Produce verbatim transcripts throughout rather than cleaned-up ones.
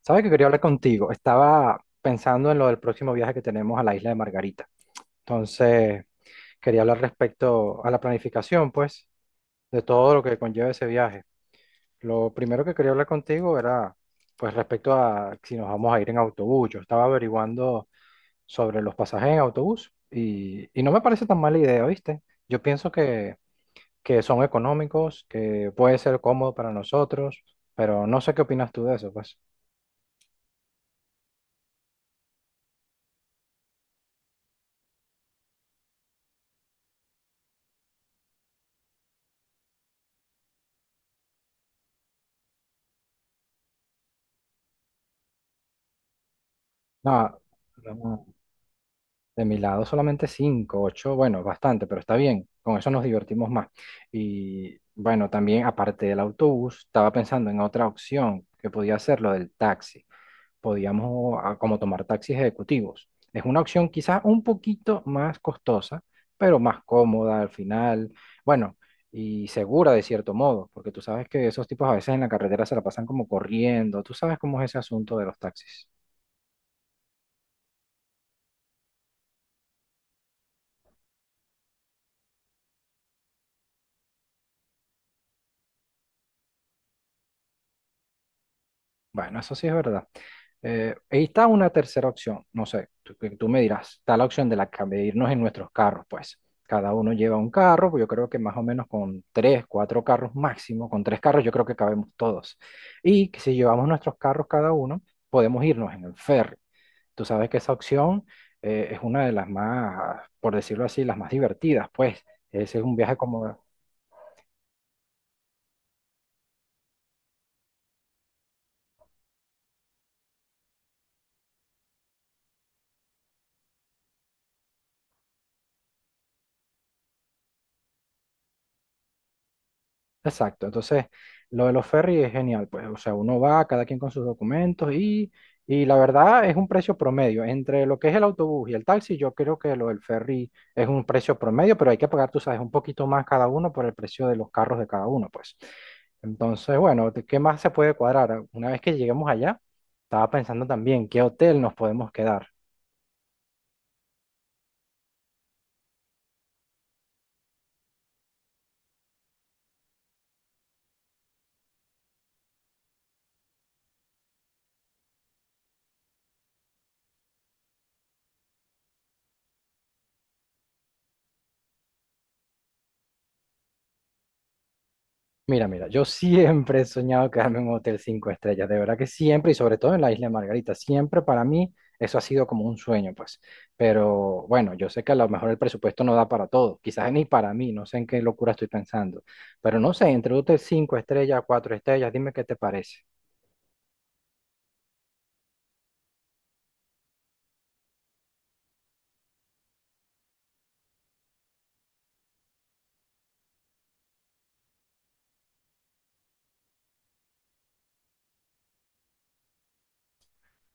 ¿Sabes que quería hablar contigo? Estaba pensando en lo del próximo viaje que tenemos a la isla de Margarita. Entonces, quería hablar respecto a la planificación, pues, de todo lo que conlleva ese viaje. Lo primero que quería hablar contigo era, pues, respecto a si nos vamos a ir en autobús. Yo estaba averiguando sobre los pasajes en autobús y, y no me parece tan mala idea, ¿viste? Yo pienso que, que son económicos, que puede ser cómodo para nosotros, pero no sé qué opinas tú de eso, pues. No. No. De mi lado solamente cinco ocho, bueno, bastante, pero está bien, con eso nos divertimos más. Y bueno, también aparte del autobús, estaba pensando en otra opción que podía ser lo del taxi. Podíamos, ah, como, tomar taxis ejecutivos. Es una opción quizás un poquito más costosa, pero más cómoda al final, bueno, y segura de cierto modo, porque tú sabes que esos tipos a veces en la carretera se la pasan como corriendo, tú sabes cómo es ese asunto de los taxis. Bueno, eso sí es verdad. Eh, ahí está una tercera opción, no sé, tú, que tú me dirás, está la opción de, la, ca- de irnos en nuestros carros, pues. Cada uno lleva un carro, pues yo creo que más o menos con tres, cuatro carros máximo, con tres carros yo creo que cabemos todos. Y que si llevamos nuestros carros cada uno, podemos irnos en el ferry. Tú sabes que esa opción eh, es una de las más, por decirlo así, las más divertidas, pues. Ese es un viaje como… Exacto, entonces lo de los ferries es genial, pues, o sea, uno va, cada quien con sus documentos y, y la verdad es un precio promedio. Entre lo que es el autobús y el taxi, yo creo que lo del ferry es un precio promedio, pero hay que pagar, tú sabes, un poquito más cada uno por el precio de los carros de cada uno, pues. Entonces, bueno, ¿de ¿qué más se puede cuadrar? Una vez que lleguemos allá, estaba pensando también qué hotel nos podemos quedar. Mira, mira, yo siempre he soñado quedarme en un hotel cinco estrellas, de verdad que siempre, y sobre todo en la Isla de Margarita, siempre para mí eso ha sido como un sueño, pues. Pero bueno, yo sé que a lo mejor el presupuesto no da para todo, quizás ni para mí, no sé en qué locura estoy pensando, pero no sé, entre un hotel cinco estrellas, cuatro estrellas, dime qué te parece.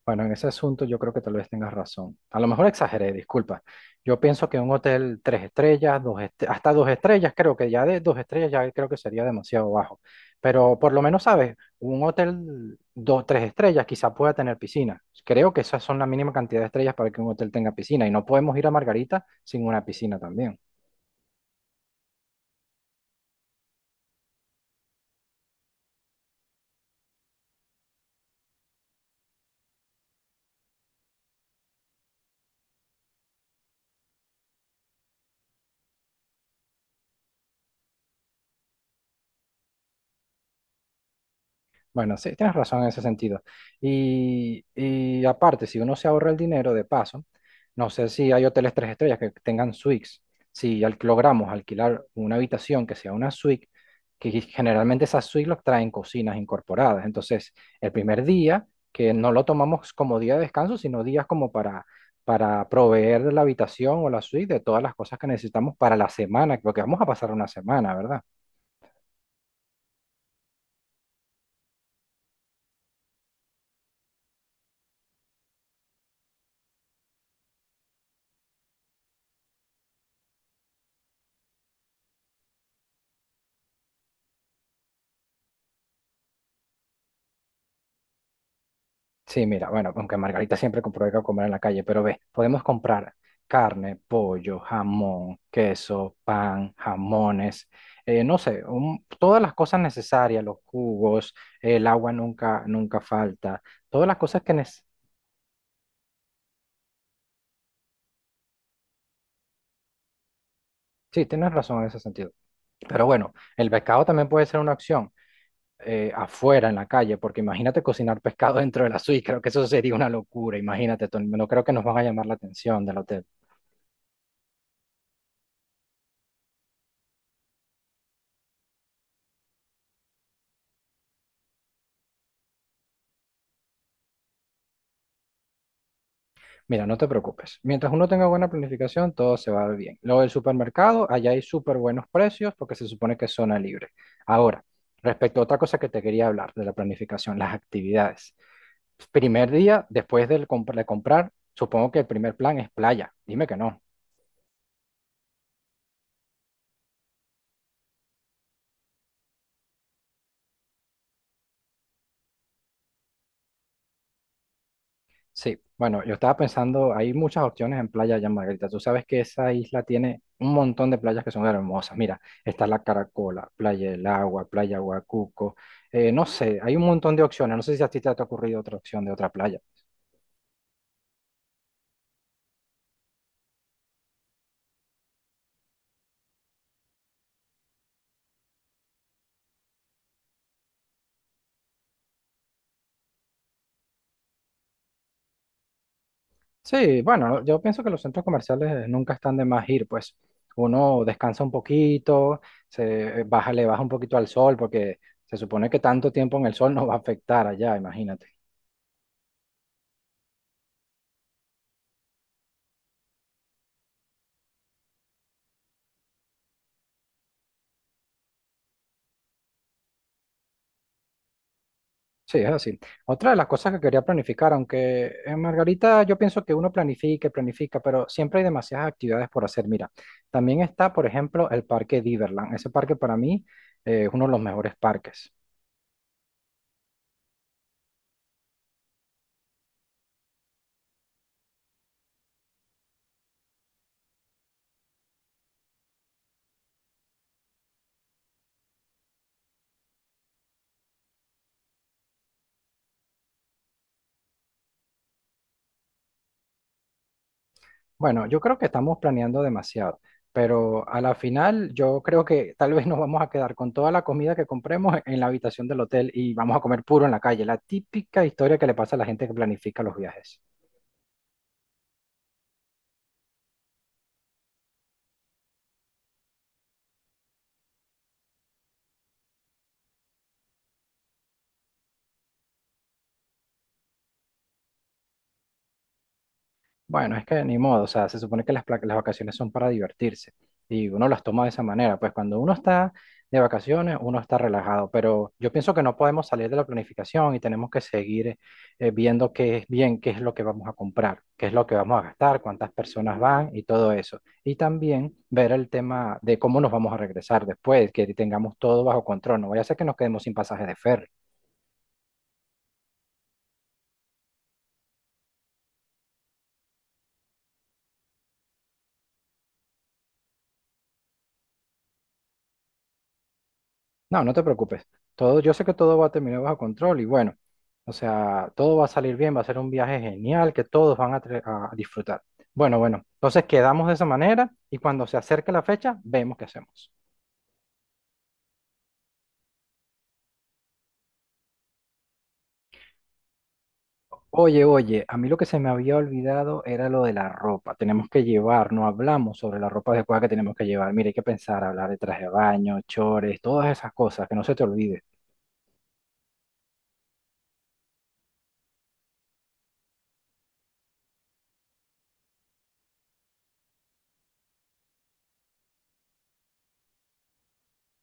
Bueno, en ese asunto yo creo que tal vez tengas razón. A lo mejor exageré, disculpa. Yo pienso que un hotel tres estrellas, dos est- hasta dos estrellas, creo que ya de dos estrellas ya creo que sería demasiado bajo. Pero por lo menos, ¿sabes? Un hotel dos, tres estrellas quizá pueda tener piscina. Creo que esas son la mínima cantidad de estrellas para que un hotel tenga piscina. Y no podemos ir a Margarita sin una piscina también. Bueno, sí, tienes razón en ese sentido. Y, y aparte, si uno se ahorra el dinero de paso, no sé si hay hoteles tres estrellas que tengan suites. Si al- logramos alquilar una habitación que sea una suite, que generalmente esas suites los traen cocinas incorporadas. Entonces, el primer día, que no lo tomamos como día de descanso, sino días como para, para proveer la habitación o la suite de todas las cosas que necesitamos para la semana, porque vamos a pasar una semana, ¿verdad? Sí, mira, bueno, aunque Margarita siempre compró que comer en la calle, pero ve, podemos comprar carne, pollo, jamón, queso, pan, jamones, eh, no sé, un- todas las cosas necesarias, los jugos, el agua nunca, nunca falta, todas las cosas que necesitas. Sí, tienes razón en ese sentido. Pero bueno, el pescado también puede ser una opción, eh, afuera, en la calle, porque imagínate cocinar pescado dentro de la suite, creo que eso sería una locura, imagínate, Tony, no creo que nos van a llamar la atención del hotel. Mira, no te preocupes. Mientras uno tenga buena planificación, todo se va a ver bien. Luego del supermercado, allá hay súper buenos precios porque se supone que es zona libre. Ahora, respecto a otra cosa que te quería hablar de la planificación, las actividades. Primer día, después del comp- de comprar, supongo que el primer plan es playa. Dime que no. Sí, bueno, yo estaba pensando, hay muchas opciones en Playa de Jan Margarita. Tú sabes que esa isla tiene un montón de playas que son hermosas. Mira, está la Caracola, Playa del Agua, Playa Huacuco. Eh, no sé, hay un montón de opciones. No sé si a ti te ha ocurrido otra opción de otra playa. Sí, bueno, yo pienso que los centros comerciales nunca están de más ir, pues uno descansa un poquito, se baja, le baja un poquito al sol, porque se supone que tanto tiempo en el sol no va a afectar allá, imagínate. Sí, es así. Otra de las cosas que quería planificar, aunque en Margarita yo pienso que uno planifica y planifica, pero siempre hay demasiadas actividades por hacer. Mira, también está, por ejemplo, el Parque Diverland. Ese parque para mí eh, es uno de los mejores parques. Bueno, yo creo que estamos planeando demasiado, pero a la final yo creo que tal vez nos vamos a quedar con toda la comida que compremos en la habitación del hotel y vamos a comer puro en la calle. La típica historia que le pasa a la gente que planifica los viajes. Bueno, es que ni modo, o sea, se supone que las, pla- las vacaciones son para divertirse y uno las toma de esa manera, pues cuando uno está de vacaciones, uno está relajado, pero yo pienso que no podemos salir de la planificación y tenemos que seguir eh, eh, viendo qué es bien, qué es lo que vamos a comprar, qué es lo que vamos a gastar, cuántas personas van y todo eso. Y también ver el tema de cómo nos vamos a regresar después, que tengamos todo bajo control, no vaya a ser que nos quedemos sin pasaje de ferry. No, no te preocupes. Todo, yo sé que todo va a terminar bajo control y bueno, o sea, todo va a salir bien, va a ser un viaje genial que todos van a, tre- a disfrutar. Bueno, bueno, entonces quedamos de esa manera y cuando se acerque la fecha, vemos qué hacemos. Oye, oye, a mí lo que se me había olvidado era lo de la ropa. Tenemos que llevar, no hablamos sobre la ropa adecuada que tenemos que llevar. Mira, hay que pensar, hablar de traje de baño, chores, todas esas cosas, que no se te olvide.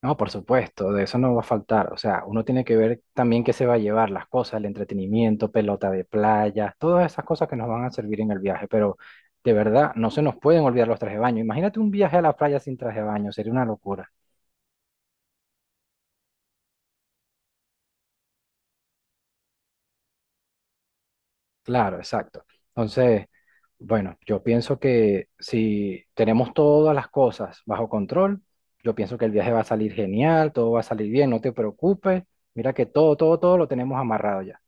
No, por supuesto, de eso no va a faltar. O sea, uno tiene que ver también qué se va a llevar, las cosas, el entretenimiento, pelota de playa, todas esas cosas que nos van a servir en el viaje. Pero de verdad, no se nos pueden olvidar los trajes de baño. Imagínate un viaje a la playa sin traje de baño, sería una locura. Claro, exacto. Entonces, bueno, yo pienso que si tenemos todas las cosas bajo control, yo pienso que el viaje va a salir genial, todo va a salir bien, no te preocupes. Mira que todo, todo, todo lo tenemos amarrado ya.